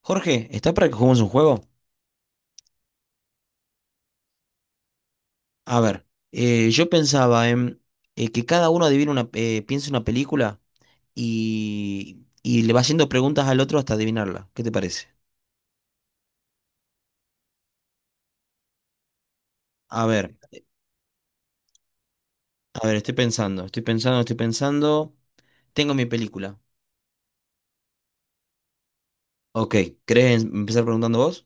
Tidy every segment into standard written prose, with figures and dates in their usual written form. Jorge, ¿está para que juguemos un juego? A ver, yo pensaba en que cada uno adivine una, piense una película y le va haciendo preguntas al otro hasta adivinarla. ¿Qué te parece? A ver, eh, a ver, estoy pensando. Tengo mi película. Ok, ¿querés empezar preguntando vos?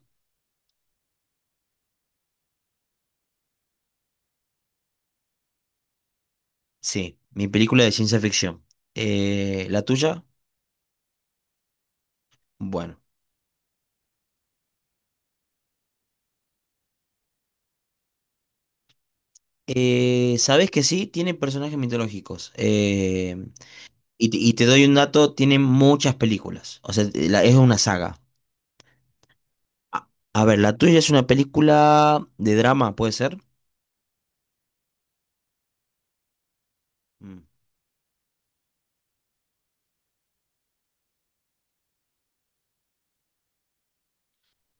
Sí, mi película de ciencia ficción. ¿La tuya? Bueno. Sabés que sí, tiene personajes mitológicos. Y te doy un dato, tiene muchas películas. O sea, es una saga. A ver, la tuya es una película de drama, ¿puede ser? Mm,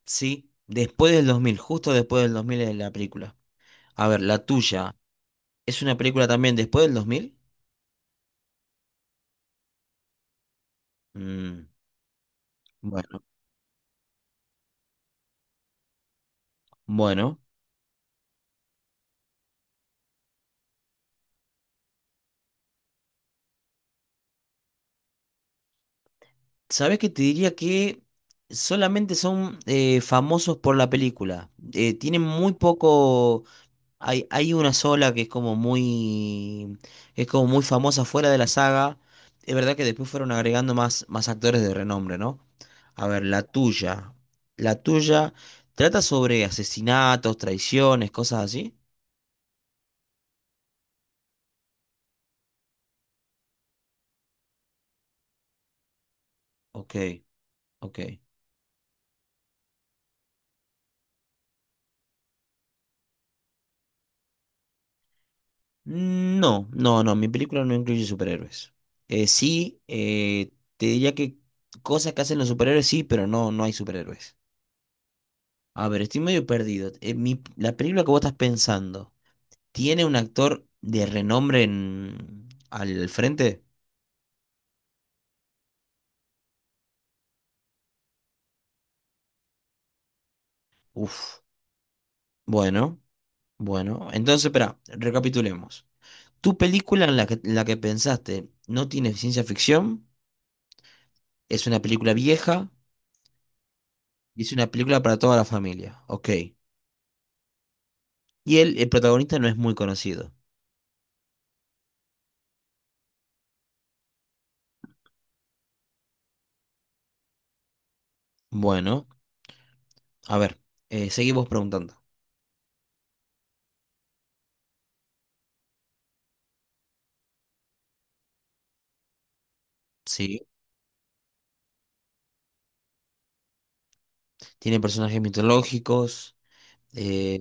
Sí, después del dos mil, justo después del 2000 es la película. A ver, la tuya es una película también después del 2000. Mm, Bueno, bueno. ¿Sabes qué te diría que solamente son famosos por la película? Tienen muy poco. Hay una sola que es como muy, que es como muy famosa fuera de la saga. Es verdad que después fueron agregando más actores de renombre, ¿no? A ver, la tuya. La tuya trata sobre asesinatos, traiciones, cosas así. Ok, ok. No, no, no, mi película no incluye superhéroes. Sí, te diría que cosas que hacen los superhéroes sí, pero no, no hay superhéroes. A ver, estoy medio perdido. La película que vos estás pensando. ¿Tiene un actor de renombre al frente? Uf. Bueno, bueno. Entonces, espera, recapitulemos. ¿Tu película en la que pensaste no tiene ciencia ficción? Es una película vieja y es una película para toda la familia. Ok. Y el protagonista no es muy conocido. Bueno, a ver, seguimos preguntando. Sí. ¿Tiene personajes mitológicos? Eh,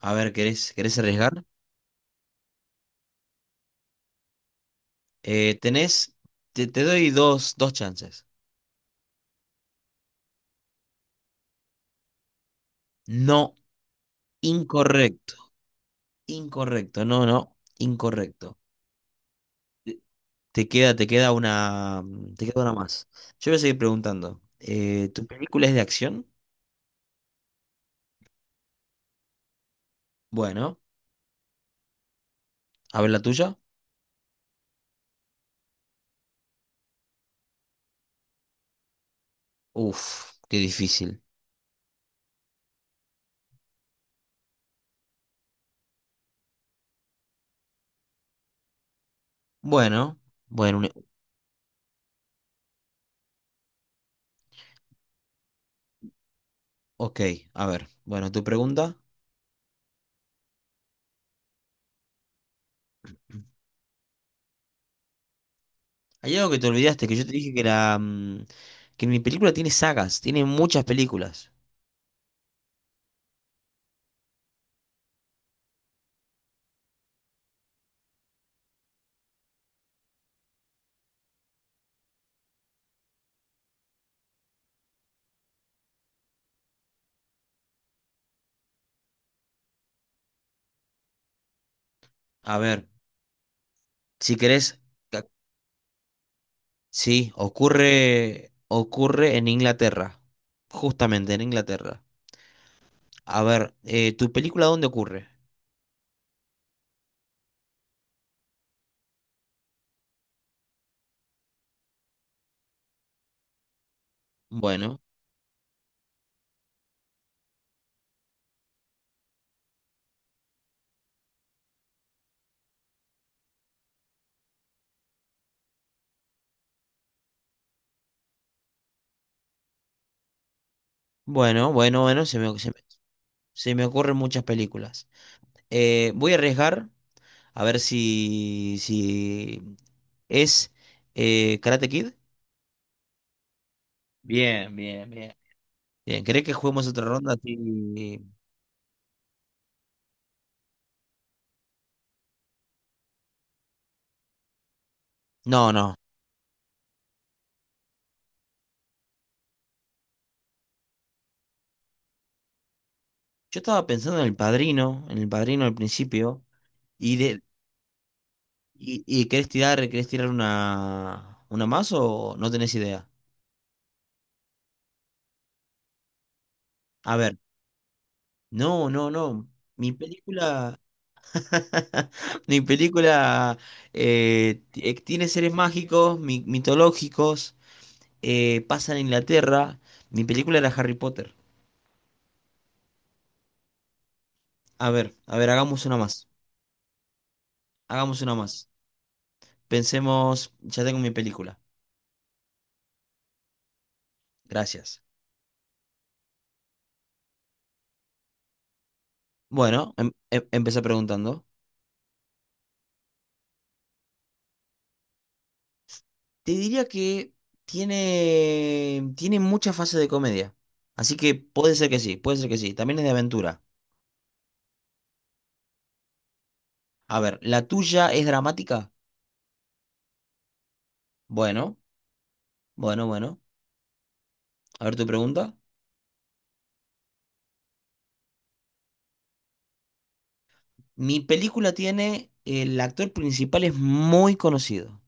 a ver, ¿querés arriesgar? Tenés, te, te doy dos chances. No, incorrecto, incorrecto, no, no, incorrecto. Te te queda, te queda una, te queda una más. Yo voy a seguir preguntando. ¿Tu película es de acción? Bueno, a ver la tuya. Uf, qué difícil. Bueno, bueno, ok, a ver. Bueno, tu pregunta. Hay algo que te olvidaste, que yo te dije que la, que mi película tiene sagas, tiene muchas películas. A ver, si querés, sí, ocurre en Inglaterra, justamente en Inglaterra. A ver, ¿tu película dónde ocurre? Bueno, bueno, bueno, bueno, se me ocurren muchas películas. Voy a arriesgar a ver si, si es Karate Kid. Bien, bien, bien. Bien, ¿querés que juguemos otra ronda? Sí. No, no. Yo estaba pensando en El Padrino al principio, y de, ¿Y, y querés tirar una más o no tenés idea? A ver, no, no, no. Mi película, mi película tiene seres mágicos, mitológicos, pasa en Inglaterra. Mi película era Harry Potter. A ver, hagamos una más. Hagamos una más. Pensemos, ya tengo mi película. Gracias. Bueno, empecé preguntando. Te diría que tiene muchas fases de comedia. Así que puede ser que sí, puede ser que sí. También es de aventura. A ver, ¿la tuya es dramática? Bueno, bueno, bueno. A ver tu pregunta. Mi película tiene, el actor principal es muy conocido.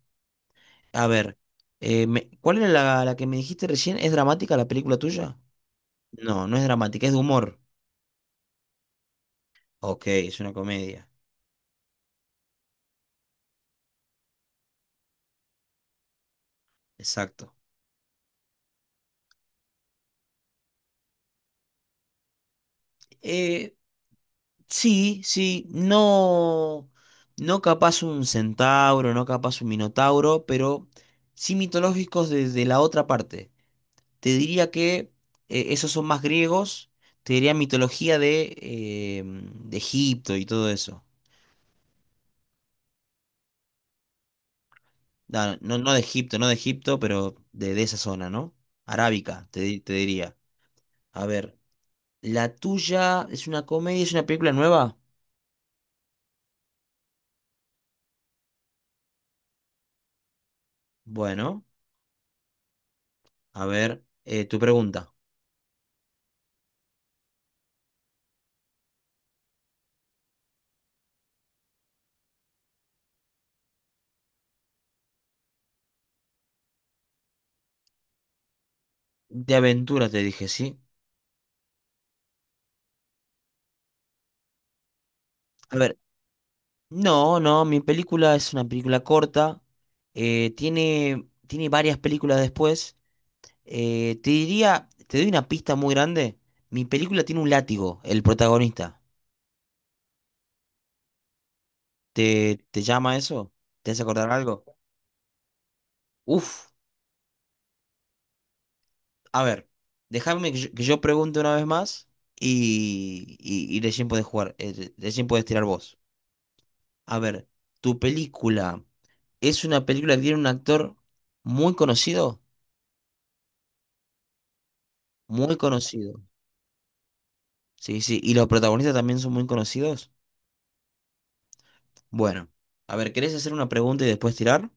A ver, ¿cuál era la que me dijiste recién? ¿Es dramática la película tuya? No, no es dramática, es de humor. Ok, es una comedia. Exacto. Eh, Sí, sí, no, no capaz un centauro, no capaz un minotauro, pero sí mitológicos desde la otra parte. Te diría que esos son más griegos, te diría mitología de Egipto y todo eso. No, no, no de Egipto, no de Egipto, pero de esa zona, ¿no? Arábica, te, te diría. A ver, la tuya es una comedia, es una película nueva. Bueno, a ver, tu pregunta. De aventura te dije, ¿sí? A ver, no, no, mi película es una película corta, tiene varias películas después. Te diría, te doy una pista muy grande. Mi película tiene un látigo, el protagonista. ¿Te, te llama eso? ¿Te hace acordar algo? Uf, a ver, déjame que yo pregunte una vez más y recién podés jugar, recién podés tirar vos. A ver, ¿tu película es una película que tiene un actor muy conocido? Muy conocido. Sí, sí. ¿Y los protagonistas también son muy conocidos? Bueno, a ver, ¿querés hacer una pregunta y después tirar?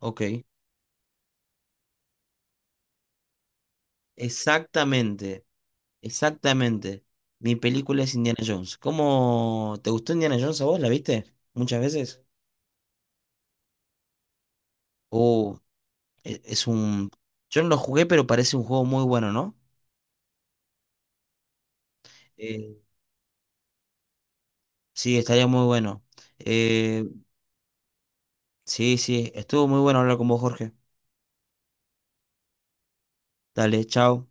Ok. Exactamente, exactamente. Mi película es Indiana Jones. ¿Cómo te gustó Indiana Jones a vos? ¿La viste? ¿Muchas veces? Oh, es un... Yo no lo jugué, pero parece un juego muy bueno, ¿no? Eh, sí, estaría muy bueno. Eh, sí, sí, estuvo muy bueno hablar con vos, Jorge. Dale, chao.